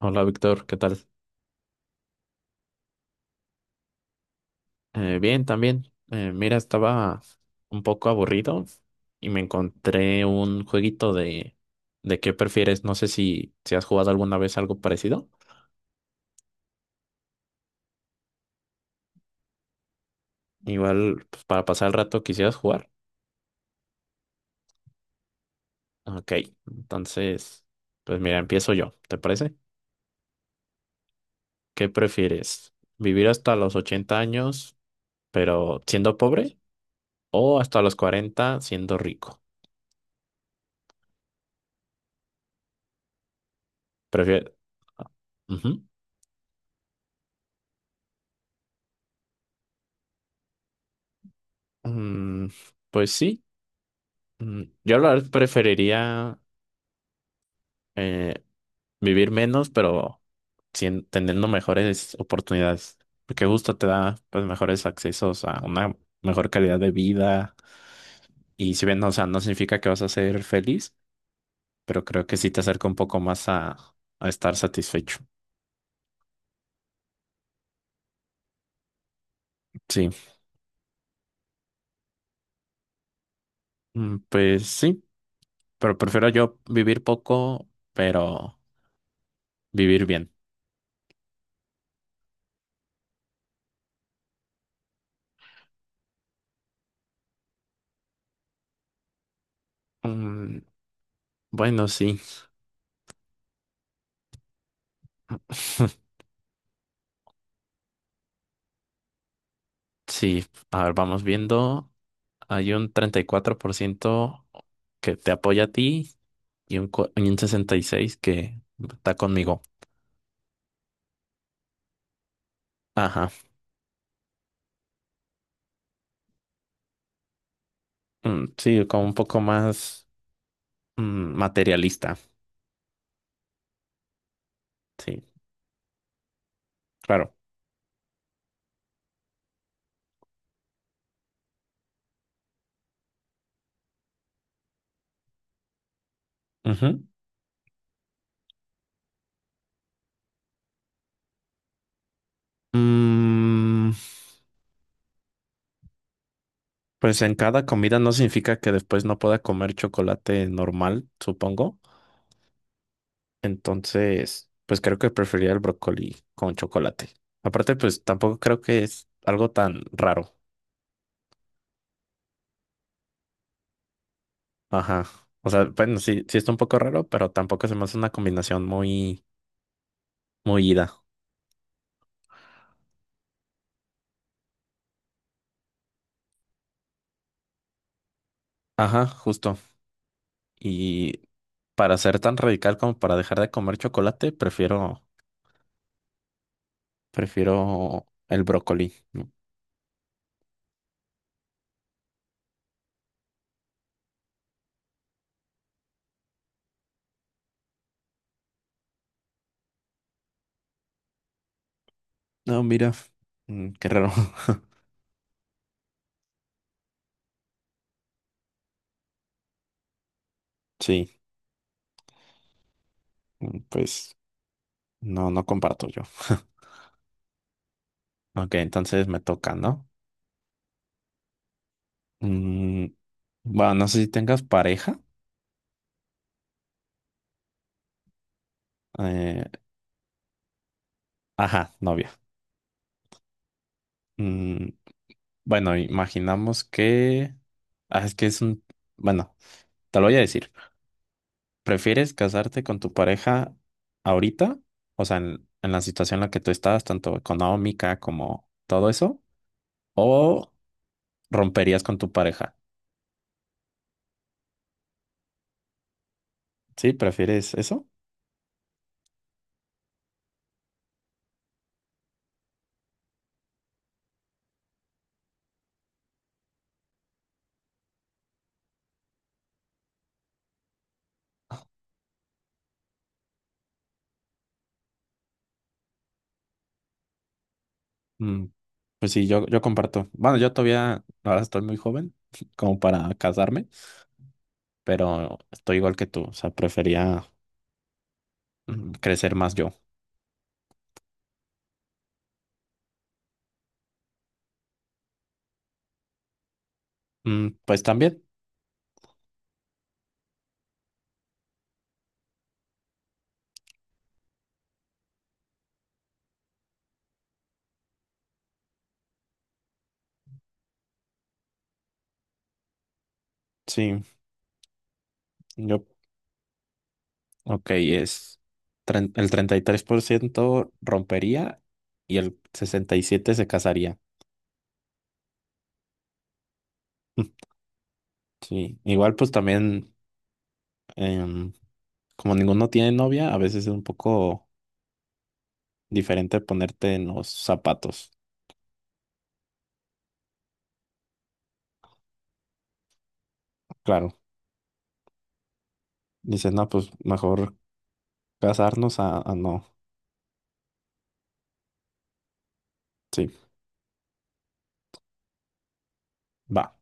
Hola Víctor, ¿qué tal? Bien, también. Mira, estaba un poco aburrido y me encontré un jueguito de qué prefieres. No sé si has jugado alguna vez algo parecido. Igual, pues, para pasar el rato quisieras jugar. Ok, entonces, pues mira, empiezo yo, ¿te parece? ¿Qué prefieres? ¿Vivir hasta los 80 años, pero siendo pobre? ¿O hasta los 40 siendo rico? Prefieres. Ujú. Mm, pues sí. Yo la verdad preferiría eh, vivir menos, pero sin teniendo mejores oportunidades, porque justo te da pues mejores accesos a una mejor calidad de vida y si bien, o sea, no significa que vas a ser feliz, pero creo que sí te acerca un poco más a estar satisfecho. Sí. Pues sí, pero prefiero yo vivir poco, pero vivir bien. Mm, bueno, sí, sí, a ver, vamos viendo. Hay un 34% que te apoya a ti y un 66% que está conmigo. Ajá. Mm, sí, como un poco más materialista. Sí, claro. Ujú. Mm, pues en cada comida no significa que después no pueda comer chocolate normal, supongo. Entonces, pues creo que preferiría el brócoli con chocolate. Aparte, pues tampoco creo que es algo tan raro. Ajá. O sea, bueno, sí, sí está un poco raro, pero tampoco se me hace una combinación muy, muy ida. Ajá, justo. Y para ser tan radical como para dejar de comer chocolate, prefiero el brócoli. No, no, mira, qué raro. Sí, pues no, no comparto yo. Ok, entonces me toca, ¿no? Mm, bueno, no sé si tengas pareja. Eh, ajá, novia. Mm, Bueno, imaginamos que. Ah, es que es un. Bueno, te lo voy a decir. ¿Prefieres casarte con tu pareja ahorita? O sea, en la situación en la que tú estás, tanto económica como todo eso. ¿O romperías con tu pareja? ¿Sí? ¿Prefieres eso? Mm, Pues sí, yo comparto. Bueno, yo todavía, ahora estoy muy joven como para casarme, pero estoy igual que tú. O sea, prefería crecer más yo. Pues también, sí. Yo Ok, el 33% rompería y el 67% se casaría. Sí, igual pues también, em, como ninguno tiene novia, a veces es un poco diferente ponerte en los zapatos. Claro, dices, no, pues mejor casarnos a no. Sí, va.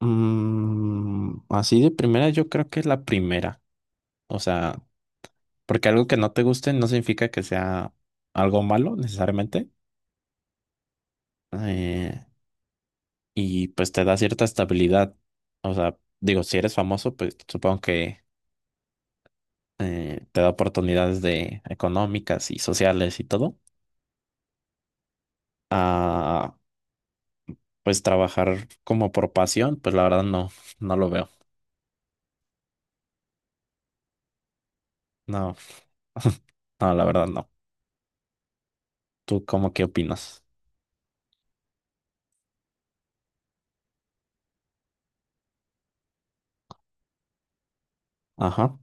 Así de primera, yo creo que la primera. O sea, porque algo que no te guste no significa que sea algo malo necesariamente. Eh, y pues te da cierta estabilidad. O sea, digo, si eres famoso, pues supongo que te da oportunidades de económicas y sociales y todo. A pues trabajar como por pasión, pues la verdad no, no lo veo. No, no, la verdad no. ¿Tú cómo qué opinas? Ajá,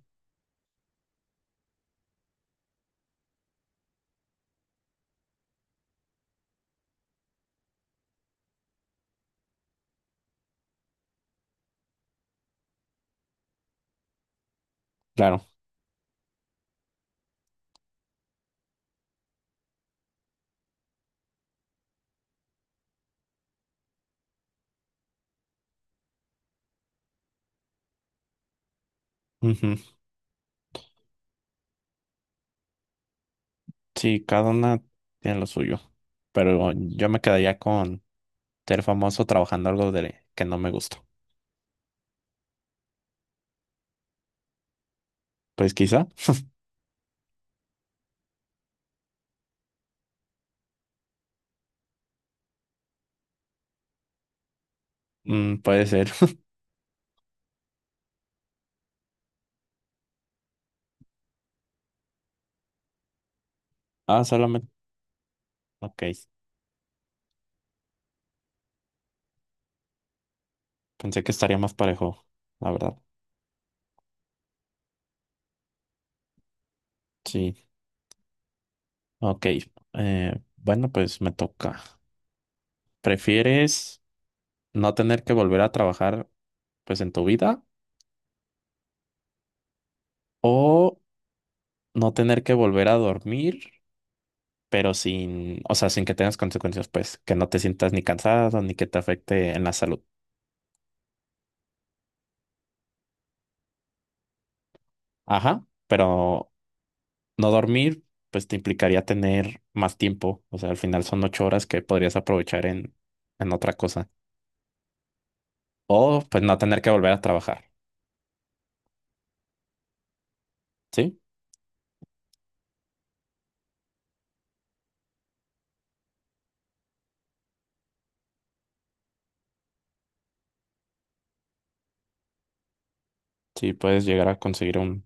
claro. Ujú. Sí, cada una tiene lo suyo, pero yo me quedaría con ser famoso trabajando algo de que no me gusta. Pues quizá, puede ser. Ah, solamente. Ok, pensé que estaría más parejo, la verdad. Sí, ok. Bueno, pues me toca. ¿Prefieres no tener que volver a trabajar, pues en tu vida? ¿O no tener que volver a dormir, pero sin, o sea, sin que tengas consecuencias, pues, que no te sientas ni cansado ni que te afecte en la salud? Ajá, pero no dormir, pues te implicaría tener más tiempo. O sea, al final son 8 horas que podrías aprovechar en otra cosa. O pues no tener que volver a trabajar. ¿Sí? Sí, puedes llegar a conseguir un.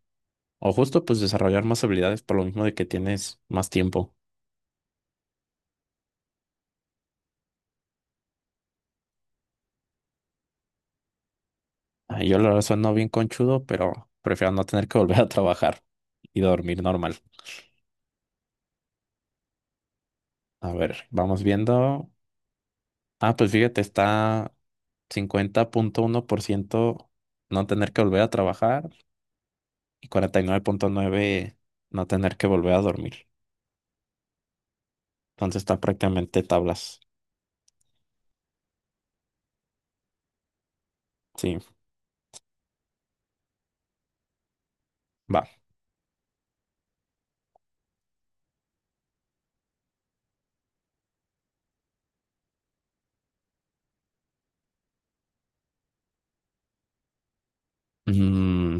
O justo pues desarrollar más habilidades por lo mismo de que tienes más tiempo. Ah, yo la verdad sueno bien conchudo, pero prefiero no tener que volver a trabajar y dormir normal. A ver, vamos viendo. Ah, pues fíjate, está 50.1% no tener que volver a trabajar y 49.9% no tener que volver a dormir. Entonces está prácticamente tablas. Sí, va. Mm,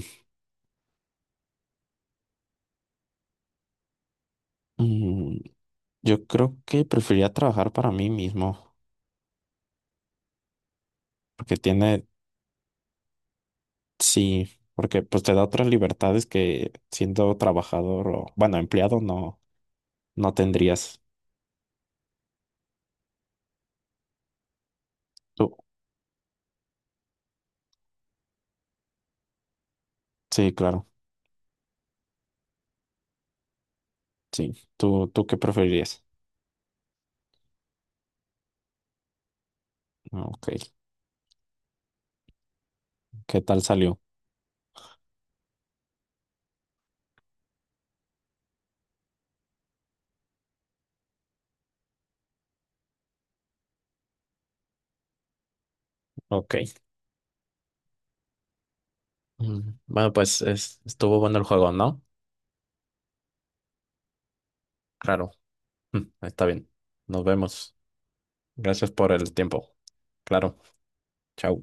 mm, yo creo que preferiría trabajar para mí mismo. Porque tiene, sí, porque pues te da otras libertades que siendo trabajador o, bueno, empleado no, no tendrías. Tú, sí, claro, sí. ¿Tú qué preferirías? Ah, Ok, ¿qué tal salió? Ok. Bueno, pues estuvo bueno el juego, ¿no? Claro. Está bien. Nos vemos. Gracias por el tiempo. Claro. Chao.